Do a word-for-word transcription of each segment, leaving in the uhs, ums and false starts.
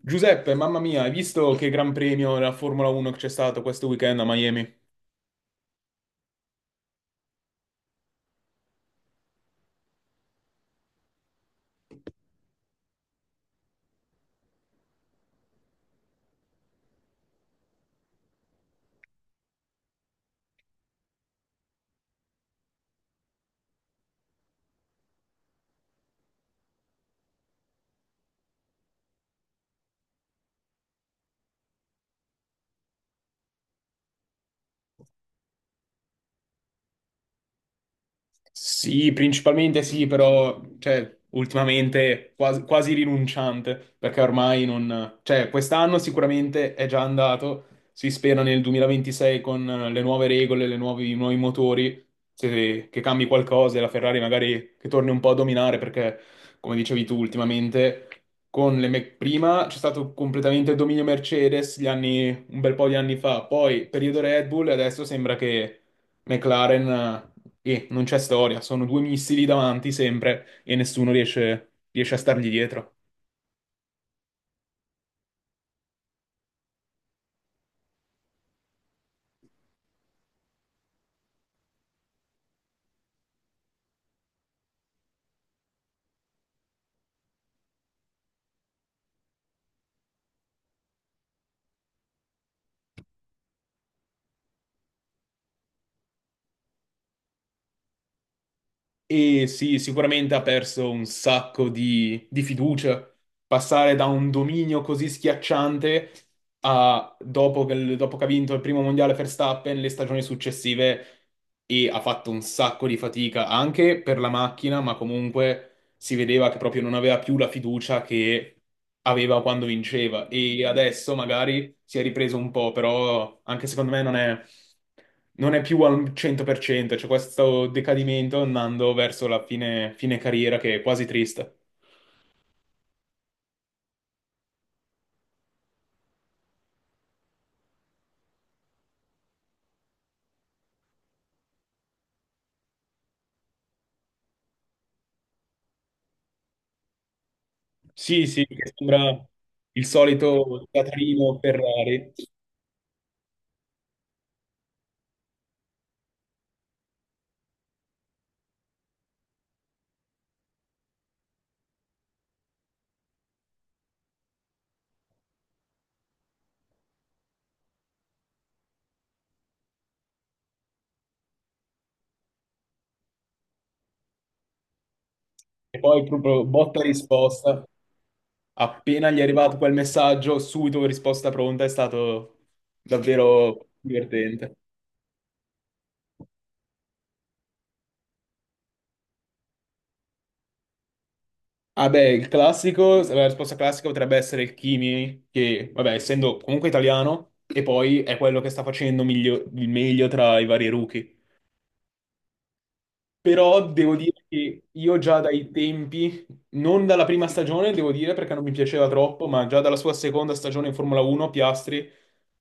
Giuseppe, mamma mia, hai visto che gran premio della Formula uno che c'è stato questo weekend a Miami? Sì, principalmente sì, però cioè, ultimamente quasi, quasi rinunciante, perché ormai non... Cioè, quest'anno sicuramente è già andato, si spera nel duemilaventisei con eh, le nuove regole, le nuovi, i nuovi motori, se- che cambi qualcosa e la Ferrari magari che torni un po' a dominare, perché come dicevi tu ultimamente, con le me- prima c'è stato completamente il dominio Mercedes gli anni- un bel po' di anni fa, poi periodo Red Bull e adesso sembra che... McLaren, e non c'è storia, sono due missili davanti sempre e nessuno riesce, riesce a stargli dietro. E sì, sicuramente ha perso un sacco di, di fiducia. Passare da un dominio così schiacciante a, dopo che, dopo che ha vinto il primo mondiale Verstappen, le stagioni successive e ha fatto un sacco di fatica anche per la macchina, ma comunque si vedeva che proprio non aveva più la fiducia che aveva quando vinceva e adesso magari si è ripreso un po', però anche secondo me non è, non è più al cento per cento, c'è questo decadimento andando verso la fine, fine carriera che è quasi triste. Sì, sì, che sembra il solito teatrino Ferrari, e poi proprio botta e risposta. Appena gli è arrivato quel messaggio, subito risposta pronta, è stato davvero divertente. Ah beh, il classico, la risposta classica potrebbe essere il Kimi, che vabbè, essendo comunque italiano, e poi è quello che sta facendo miglio- il meglio tra i vari rookie. Però devo dire che io già dai tempi, non dalla prima stagione, devo dire perché non mi piaceva troppo, ma già dalla sua seconda stagione in Formula uno, Piastri,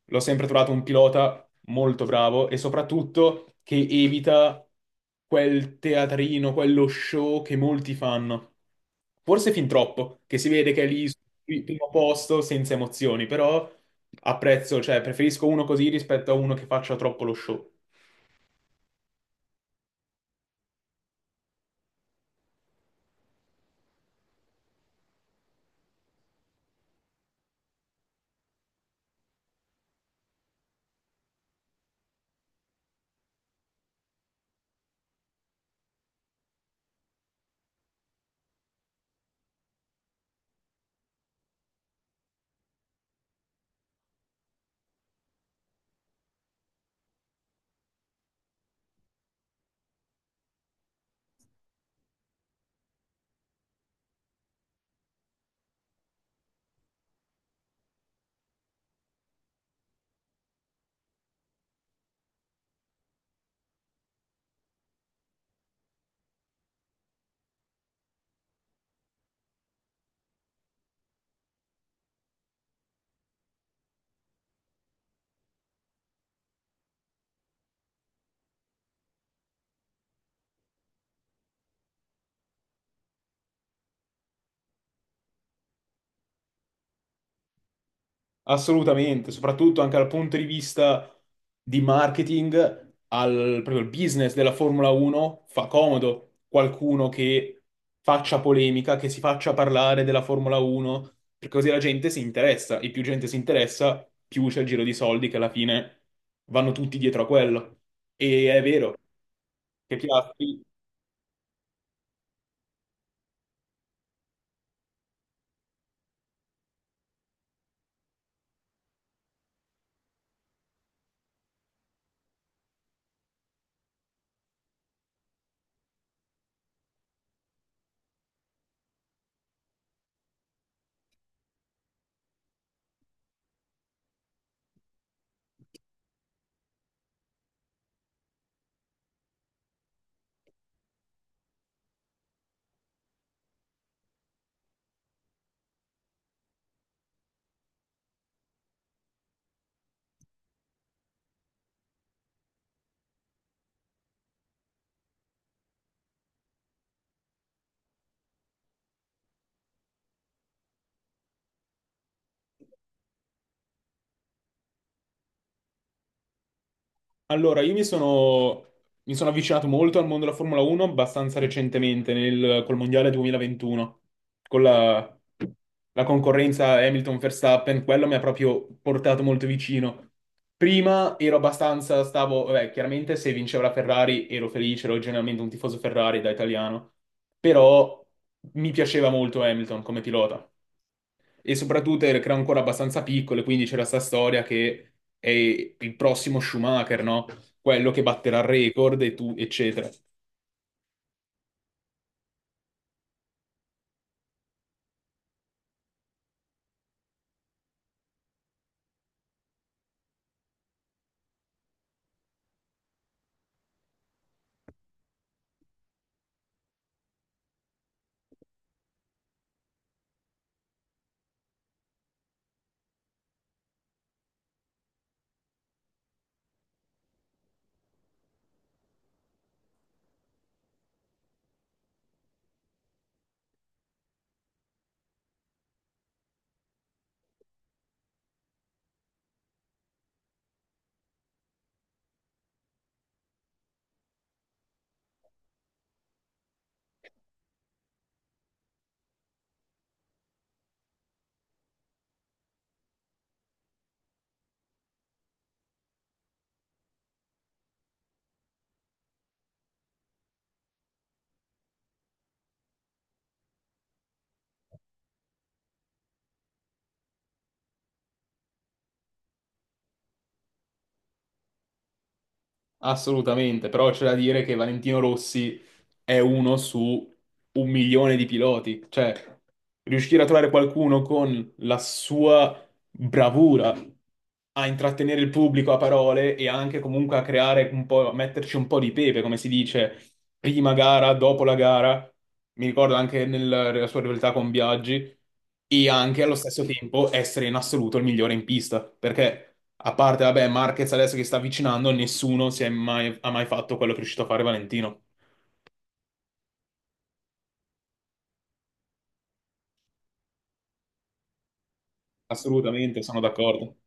l'ho sempre trovato un pilota molto bravo e soprattutto che evita quel teatrino, quello show che molti fanno. Forse fin troppo, che si vede che è lì sul primo posto senza emozioni, però apprezzo, cioè preferisco uno così rispetto a uno che faccia troppo lo show. Assolutamente, soprattutto anche dal punto di vista di marketing, al proprio il business della Formula uno fa comodo qualcuno che faccia polemica, che si faccia parlare della Formula uno, perché così la gente si interessa e più gente si interessa, più c'è il giro di soldi che alla fine vanno tutti dietro a quello. E è vero che Piastri. Allora, io mi sono, mi sono avvicinato molto al mondo della Formula uno abbastanza recentemente, nel, col Mondiale duemilaventuno, con la, la concorrenza Hamilton-Verstappen, quello mi ha proprio portato molto vicino. Prima ero abbastanza, stavo, vabbè, chiaramente se vinceva la Ferrari ero felice, ero generalmente un tifoso Ferrari da italiano, però mi piaceva molto Hamilton come pilota. E soprattutto era era ancora abbastanza piccolo, e quindi c'era sta storia che è il prossimo Schumacher, no? Quello che batterà il record e tu, eccetera. Assolutamente, però c'è da dire che Valentino Rossi è uno su un milione di piloti. Cioè, riuscire a trovare qualcuno con la sua bravura a intrattenere il pubblico a parole e anche comunque a creare un po', a metterci un po' di pepe, come si dice, prima gara, dopo la gara. Mi ricordo anche nel- nella sua rivalità con Biaggi e anche allo stesso tempo essere in assoluto il migliore in pista, perché a parte, vabbè, Marquez adesso che sta avvicinando, nessuno si è mai, ha mai fatto quello che è riuscito a fare Valentino. Assolutamente, sono d'accordo.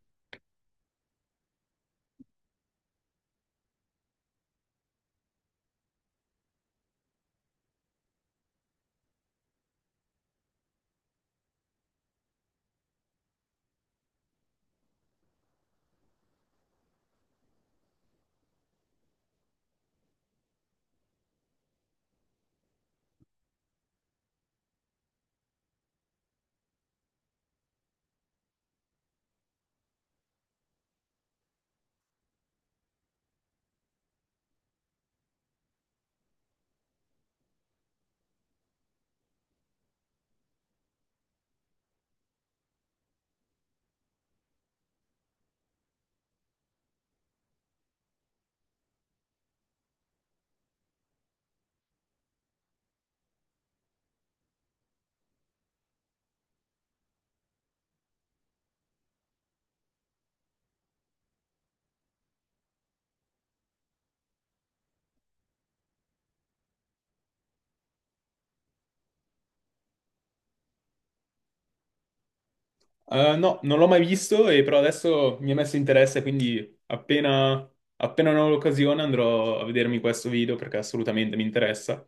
Eh, no, non l'ho mai visto, e però adesso mi è messo interesse, quindi appena, appena ne ho l'occasione andrò a vedermi questo video perché assolutamente mi interessa.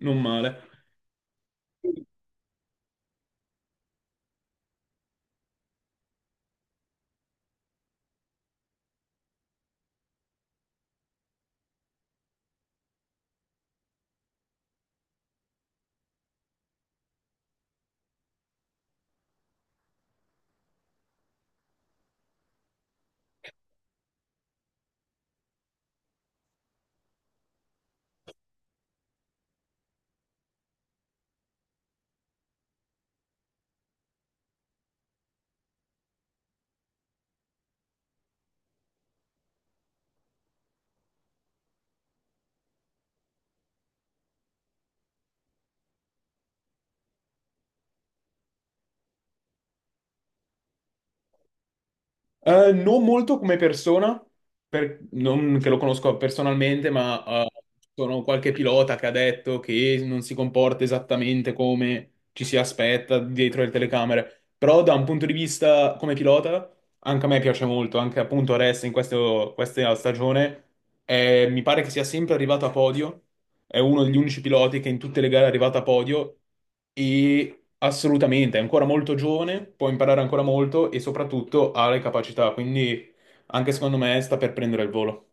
Non male. Eh, non molto come persona, per- non che lo conosco personalmente, ma eh, sono qualche pilota che ha detto che non si comporta esattamente come ci si aspetta dietro le telecamere. Però da un punto di vista come pilota, anche a me piace molto, anche appunto adesso in questo- questa stagione, eh, mi pare che sia sempre arrivato a podio, è uno degli unici piloti che in tutte le gare è arrivato a podio. E assolutamente, è ancora molto giovane, può imparare ancora molto e soprattutto ha le capacità, quindi anche secondo me sta per prendere il volo.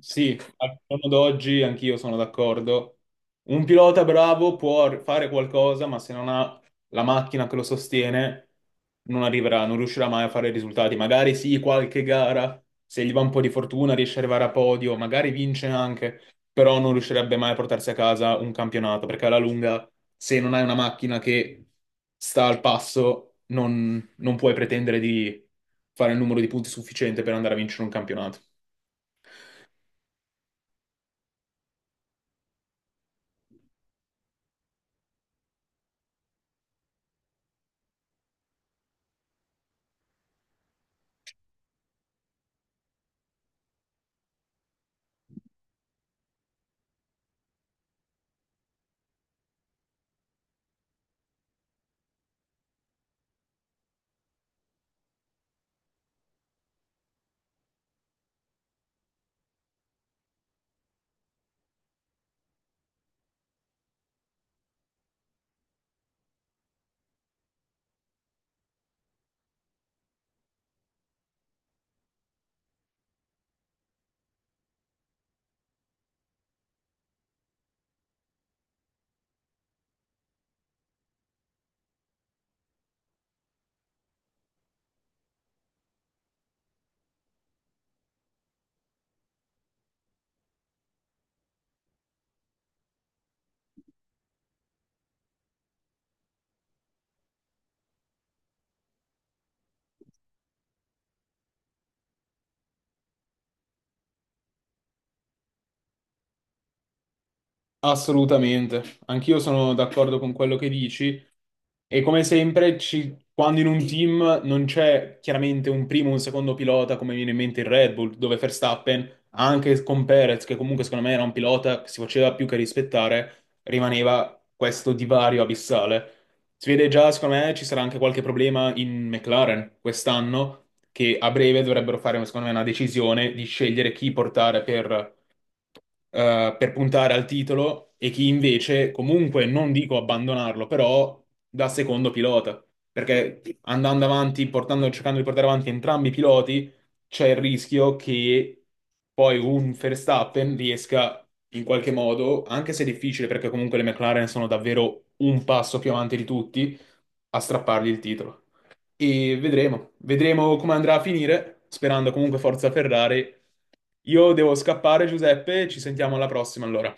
Sì, al giorno d'oggi anch'io sono d'accordo. Un pilota bravo può fare qualcosa, ma se non ha la macchina che lo sostiene, non arriverà, non riuscirà mai a fare risultati. Magari sì, qualche gara, se gli va un po' di fortuna, riesce ad arrivare a podio, magari vince anche, però non riuscirebbe mai a portarsi a casa un campionato, perché alla lunga, se non hai una macchina che sta al passo, non non puoi pretendere di fare il numero di punti sufficiente per andare a vincere un campionato. Assolutamente, anch'io sono d'accordo con quello che dici, e come sempre ci- quando in un team non c'è chiaramente un primo o un secondo pilota, come viene in mente il Red Bull dove Verstappen anche con Perez, che comunque secondo me era un pilota che si faceva più che rispettare, rimaneva questo divario abissale. Si vede già secondo me ci sarà anche qualche problema in McLaren quest'anno, che a breve dovrebbero fare secondo me una decisione di scegliere chi portare per eh, per puntare al titolo e chi invece comunque non dico abbandonarlo, però da secondo pilota, perché andando avanti, portando, cercando di portare avanti entrambi i piloti, c'è il rischio che poi un Verstappen riesca in qualche modo, anche se è difficile perché comunque le McLaren sono davvero un passo più avanti di tutti, a strappargli il titolo. E vedremo, vedremo come andrà a finire, sperando comunque Forza Ferrari. Io devo scappare, Giuseppe, ci sentiamo alla prossima allora.